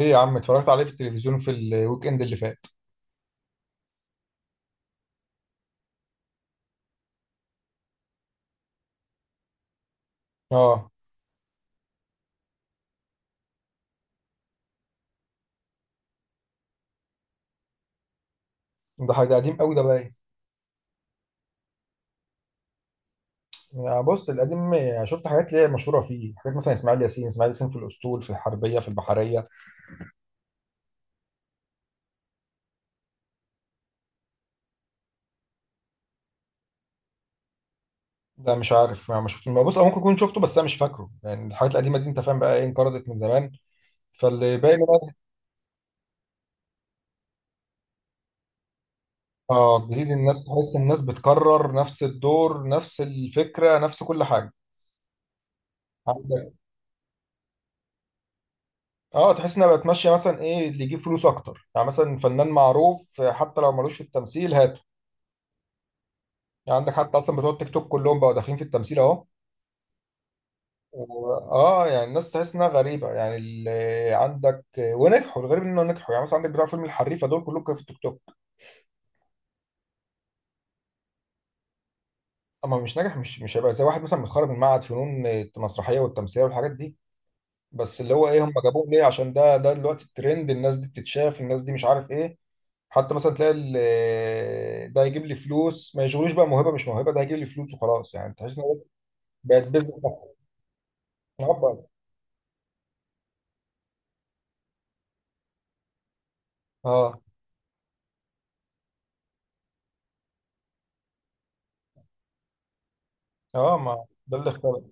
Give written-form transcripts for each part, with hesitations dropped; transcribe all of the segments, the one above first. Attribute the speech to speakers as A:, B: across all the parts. A: ايه يا عم، اتفرجت عليه في التلفزيون في الويك اند اللي فات. اه، ده حاجه قديم قوي ده باين. يعني بص، القديم شفت حاجات اللي هي مشهوره فيه، حاجات مثلا اسماعيل ياسين، اسماعيل ياسين في الاسطول، في الحربيه، في البحريه. ده مش عارف، ما شفت ما بص، او ممكن اكون شفته بس انا مش فاكره. يعني الحاجات القديمه دي انت فاهم بقى ايه، انقرضت من زمان. فاللي باين بقى اه جديد، الناس تحس الناس بتكرر نفس الدور، نفس الفكره، نفس كل حاجه. عندك- اه تحس انها بقت ماشيه مثلا ايه اللي يجيب فلوس اكتر، يعني مثلا فنان معروف، حتى لو ملوش في التمثيل هات. يعني عندك حتى اصلا بتوع التيك توك كلهم بقوا داخلين في التمثيل اهو. اه يعني الناس تحس انها غريبه، يعني اللي عندك ونجحوا، الغريب انه نجحوا، يعني مثلا عندك بتوع فيلم الحريفه دول كلهم كانوا في التيك توك. اما مش ناجح، مش هيبقى زي واحد مثلا متخرج من معهد فنون المسرحيه والتمثيليه والحاجات دي. بس اللي هو ايه، هم جابوه ليه؟ عشان ده دلوقتي الترند، الناس دي بتتشاف، الناس دي مش عارف ايه. حتى مثلا تلاقي ده يجيب لي فلوس ما يشغلوش بقى موهبه مش موهبه، ده هيجيب لي فلوس وخلاص. يعني تحس ان هو بقت بيزنس أكتر. اه اه، ما ده اللي اختار.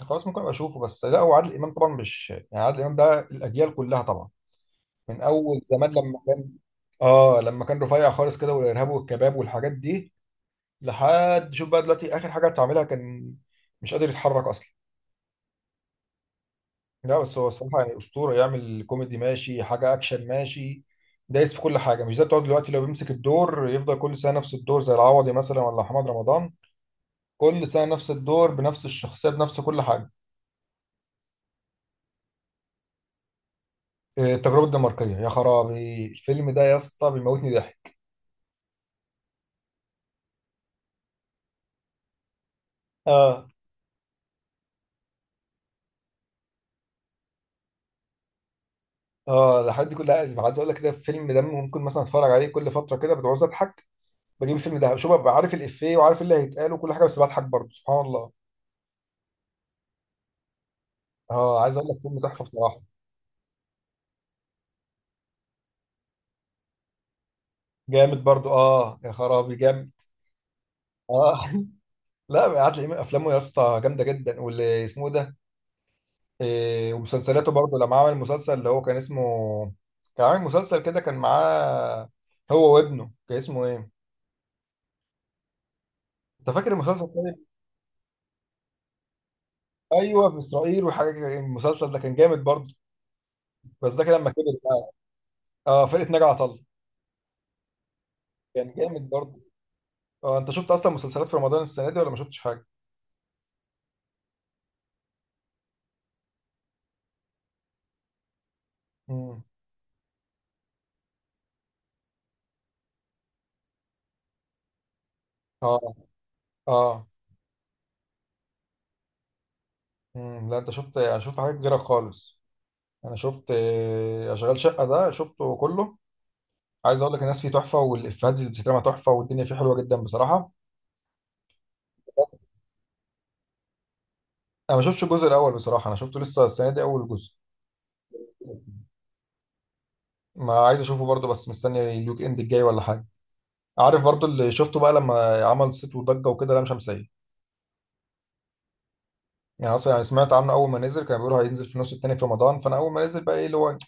A: خلاص، ممكن ابقى اشوفه. بس لا، هو عادل امام طبعا، مش يعني، عادل امام ده الاجيال كلها طبعا، من اول زمان لما كان، اه لما كان رفيع خالص كده، والارهاب والكباب والحاجات دي، لحد شوف بقى دلوقتي اخر حاجه بتعملها كان مش قادر يتحرك اصلا. لا بس هو الصراحه يعني اسطوره، يعمل كوميدي ماشي، حاجه اكشن ماشي، دايس في كل حاجه. مش زي بتوع دلوقتي، لو بيمسك الدور يفضل كل سنه نفس الدور، زي العوضي مثلا ولا محمد رمضان، كل سنه نفس الدور بنفس الشخصيه بنفس كل حاجه. إيه، التجربة الدنماركية، يا خرابي الفيلم ده يا اسطى بيموتني ضحك. اه اه، لحد كل، عايز اقول لك كده الفيلم ده ممكن مثلا اتفرج عليه كل فترة كده، بتعوز اضحك بجيب الفيلم ده، شوف، ببقى عارف الافيه وعارف إيه اللي هيتقال وكل حاجة، بس بضحك برضه، سبحان الله. اه عايز اقول لك فيلم تحفة بصراحة. جامد برضه، اه يا خرابي جامد. اه، لا، قعد لي افلامه يا اسطى جامدة جدا. واللي اسمه إيه ده، إيه؟ ومسلسلاته برضه، لما عمل مسلسل اللي هو كان اسمه، كان عامل مسلسل كده، كان معاه هو وابنه، كان اسمه ايه؟ انت فاكر المسلسل طيب؟ ايوه، في اسرائيل وحاجه كده. المسلسل ده كان جامد برضه، بس ده كان لما كبر بقى. اه، فرقه ناجي عطا الله. كان جامد برضه. اه، انت شفت اصلا مسلسلات في رمضان السنه دي ولا ما شفتش حاجه؟ امم، اه اه. امم، لا، انت شفت؟ انا شفت حاجات كتيره خالص. انا شفت اشغال شقه ده شفته كله. عايز اقول لك الناس فيه تحفه، والافيهات اللي بتترمى تحفه، والدنيا فيه حلوه جدا بصراحه. انا ما شفتش الجزء الاول بصراحه، انا شفته لسه السنه دي اول جزء. ما عايز اشوفه برضه، بس مستني الويك اند الجاي ولا حاجه. عارف برضو اللي شفته بقى لما عمل صيت وضجه وكده، لام شمسيه. يعني اصلا، يعني سمعت عنه اول ما نزل كانوا بيقولوا هينزل في النص التاني في رمضان، فانا اول ما نزل بقى ايه اللي هو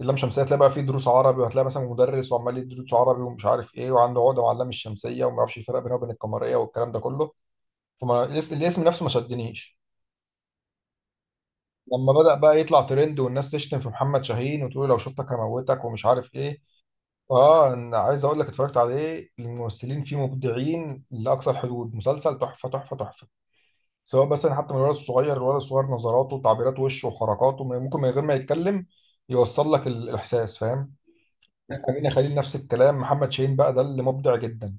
A: اللام شمسيه، هتلاقي بقى فيه دروس عربي، وهتلاقي مثلا مدرس وعمال يدي دروس عربي ومش عارف ايه، وعنده عقده مع اللام الشمسيه وما يعرفش الفرق بينها وبين القمريه والكلام ده كله. فما الاسم نفسه ما شدنيش. لما بدأ بقى يطلع ترند والناس تشتم في محمد شاهين وتقول لو شفتك هموتك ومش عارف ايه، اه انا عايز اقول لك اتفرجت عليه، الممثلين فيه مبدعين لاقصى الحدود، مسلسل تحفه تحفه تحفه. سواء مثلا حتى من الولد الصغير، الولد الصغير نظراته، تعبيرات وشه وحركاته، ممكن من غير ما يتكلم يوصل لك الاحساس فاهم. امينه خليل نفس الكلام، محمد شاهين بقى ده اللي مبدع جدا.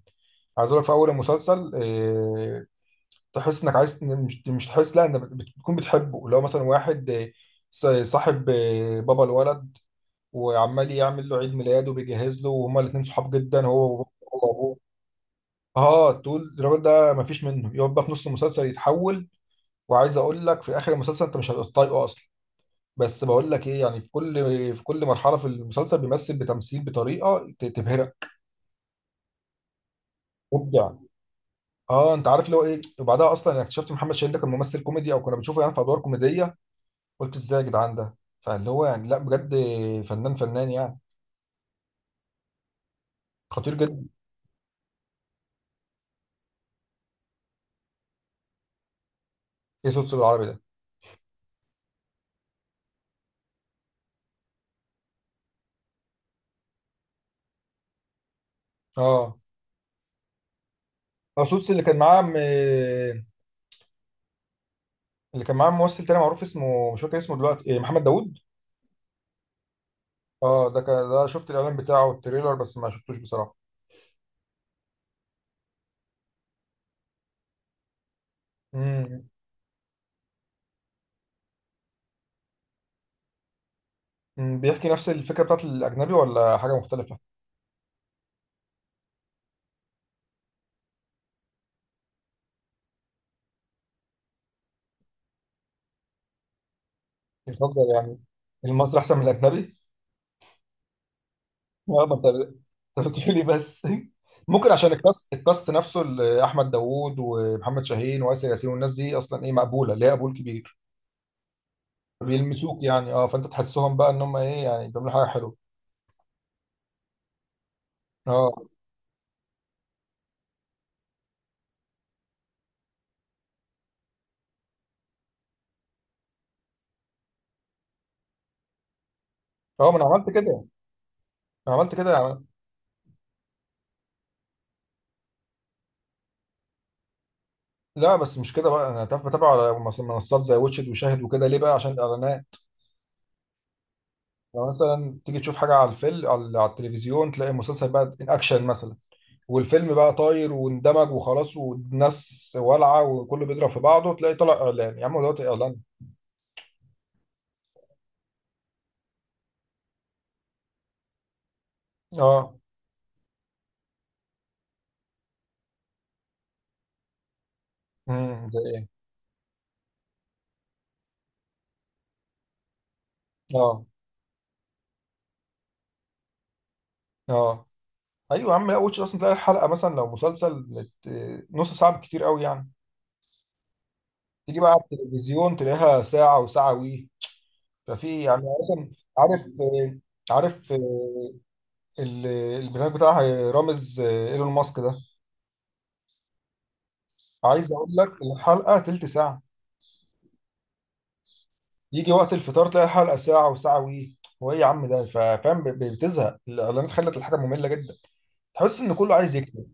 A: عايز اقول لك في اول المسلسل، تحس انك عايز، مش تحس، لا، انك بتكون بتحبه، اللي هو مثلا واحد، صاحب، بابا الولد. وعمال يعمل له عيد ميلاده وبيجهز له، وهما الاثنين صحاب جدا، هو هو وابوه. اه تقول الراجل ده مفيش منه. يقعد بقى في نص المسلسل يتحول، وعايز اقول لك في اخر المسلسل انت مش هتبقى طايقه اصلا. بس بقول لك ايه، يعني في كل، في كل مرحله في المسلسل بيمثل بتمثيل بطريقه تبهرك. مبدع. اه، انت عارف اللي هو ايه؟ وبعدها اصلا يعني اكتشفت محمد شاهين ده كان ممثل كوميدي، او كنا بنشوفه يعني في ادوار كوميديه، قلت ازاي يا جدعان ده؟ فاللي هو يعني لا بجد، فنان فنان يعني. خطير جدا. ايه صوت العربي ده؟ اه، سوتس اللي كان معاه م... اللي كان معاه ممثل تاني معروف اسمه مش فاكر اسمه دلوقتي إيه، محمد داوود. اه ده كان، ده شفت الاعلان بتاعه والتريلر بس ما شفتوش بصراحه. امم. مم، بيحكي نفس الفكرة بتاعت الأجنبي ولا حاجة مختلفة؟ يفضل يعني المصري أحسن من الأجنبي؟ اه، ما أنت أنت بتقول لي بس. ممكن عشان الكاست، الكاست نفسه اللي أحمد داوود ومحمد شاهين وآسر ياسين والناس دي أصلا إيه، مقبولة، ليها قبول كبير، بيلمسوك يعني. أه، فأنت تحسهم بقى إن هم إيه، يعني بيعملوا حاجة حلوة. أه أه، ما أنا عملت كده. أنا عملت كده يعني. لا بس مش كده بقى، أنا بتابع على منصات زي واتشد وشاهد وكده. ليه بقى؟ عشان الإعلانات. لو مثلا تيجي تشوف حاجة على الفيلم، على على التلفزيون، تلاقي مسلسل بقى إن أكشن مثلا، والفيلم بقى طاير واندمج وخلاص والناس والعه وكله بيضرب في بعضه، تلاقي طلع اعلان. يا عم، هو دلوقتي اعلان؟ اه. امم، زي ايه؟ اه اه، ايوه يا عم، لا، واتش اصلا تلاقي الحلقه مثلا لو مسلسل نص ساعه بالكتير قوي يعني، تيجي بقى على التلفزيون تلاقيها ساعه وساعه وي. ففي يعني مثلا، عارف، عارف، ال- البرنامج بتاع رامز ايلون ماسك ده، عايز اقول لك الحلقه تلت ساعه. يجي وقت الفطار تلاقي حلقه ساعه وساعه وي. هو ايه يا عم ده، فاهم، بتزهق الاعلانات، خلت الحاجه ممله جدا. تحس ان كله عايز يكسب،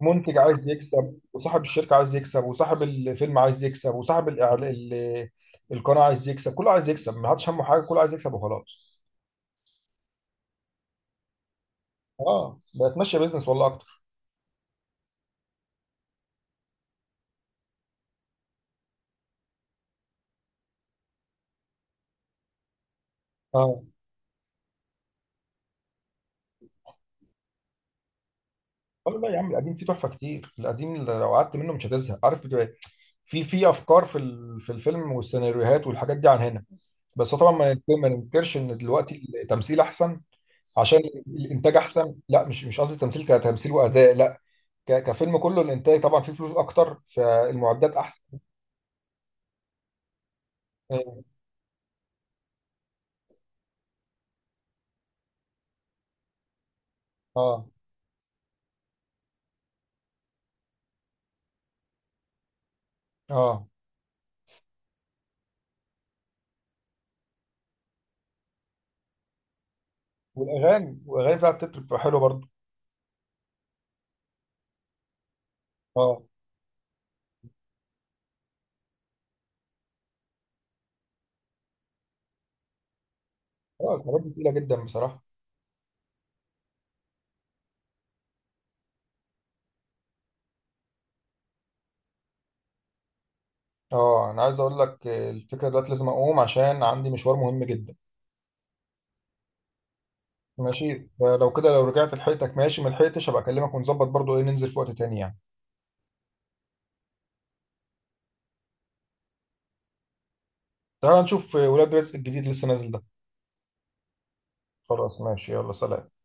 A: منتج عايز يكسب، وصاحب الشركه عايز يكسب، وصاحب الفيلم عايز يكسب، وصاحب الإعل... ال... القناه عايز يكسب، كله عايز يكسب، ما حدش همه حاجه، كله عايز يكسب وخلاص. اه بقت ماشيه بيزنس والله اكتر. اه والله يا عم القديم فيه تحفه كتير، القديم لو قعدت منه مش هتزهق، عارف؟ في في افكار في في الفيلم والسيناريوهات والحاجات دي عن هنا. بس هو طبعا ما ما ننكرش ان دلوقتي التمثيل احسن، عشان الانتاج احسن. لا مش، مش قصدي تمثيل كتمثيل واداء، لا، كفيلم كله، الانتاج طبعا فيه فلوس اكتر، فالمعدات احسن. اه اه آه. والاغاني، والاغاني بتاعت التتر بتبقى حلوه برضو. اه اه، الحاجات دي تقيله جدا بصراحه. اه انا عايز اقول لك، الفكره دلوقتي لازم اقوم عشان عندي مشوار مهم جدا. ماشي، فلو كده لو رجعت لحقتك ماشي، ما لحقتش هبقى اكلمك ونظبط برضو ايه ننزل في وقت تاني يعني. تعال نشوف ولاد رزق الجديد لسه نازل ده. خلاص ماشي، يلا سلام.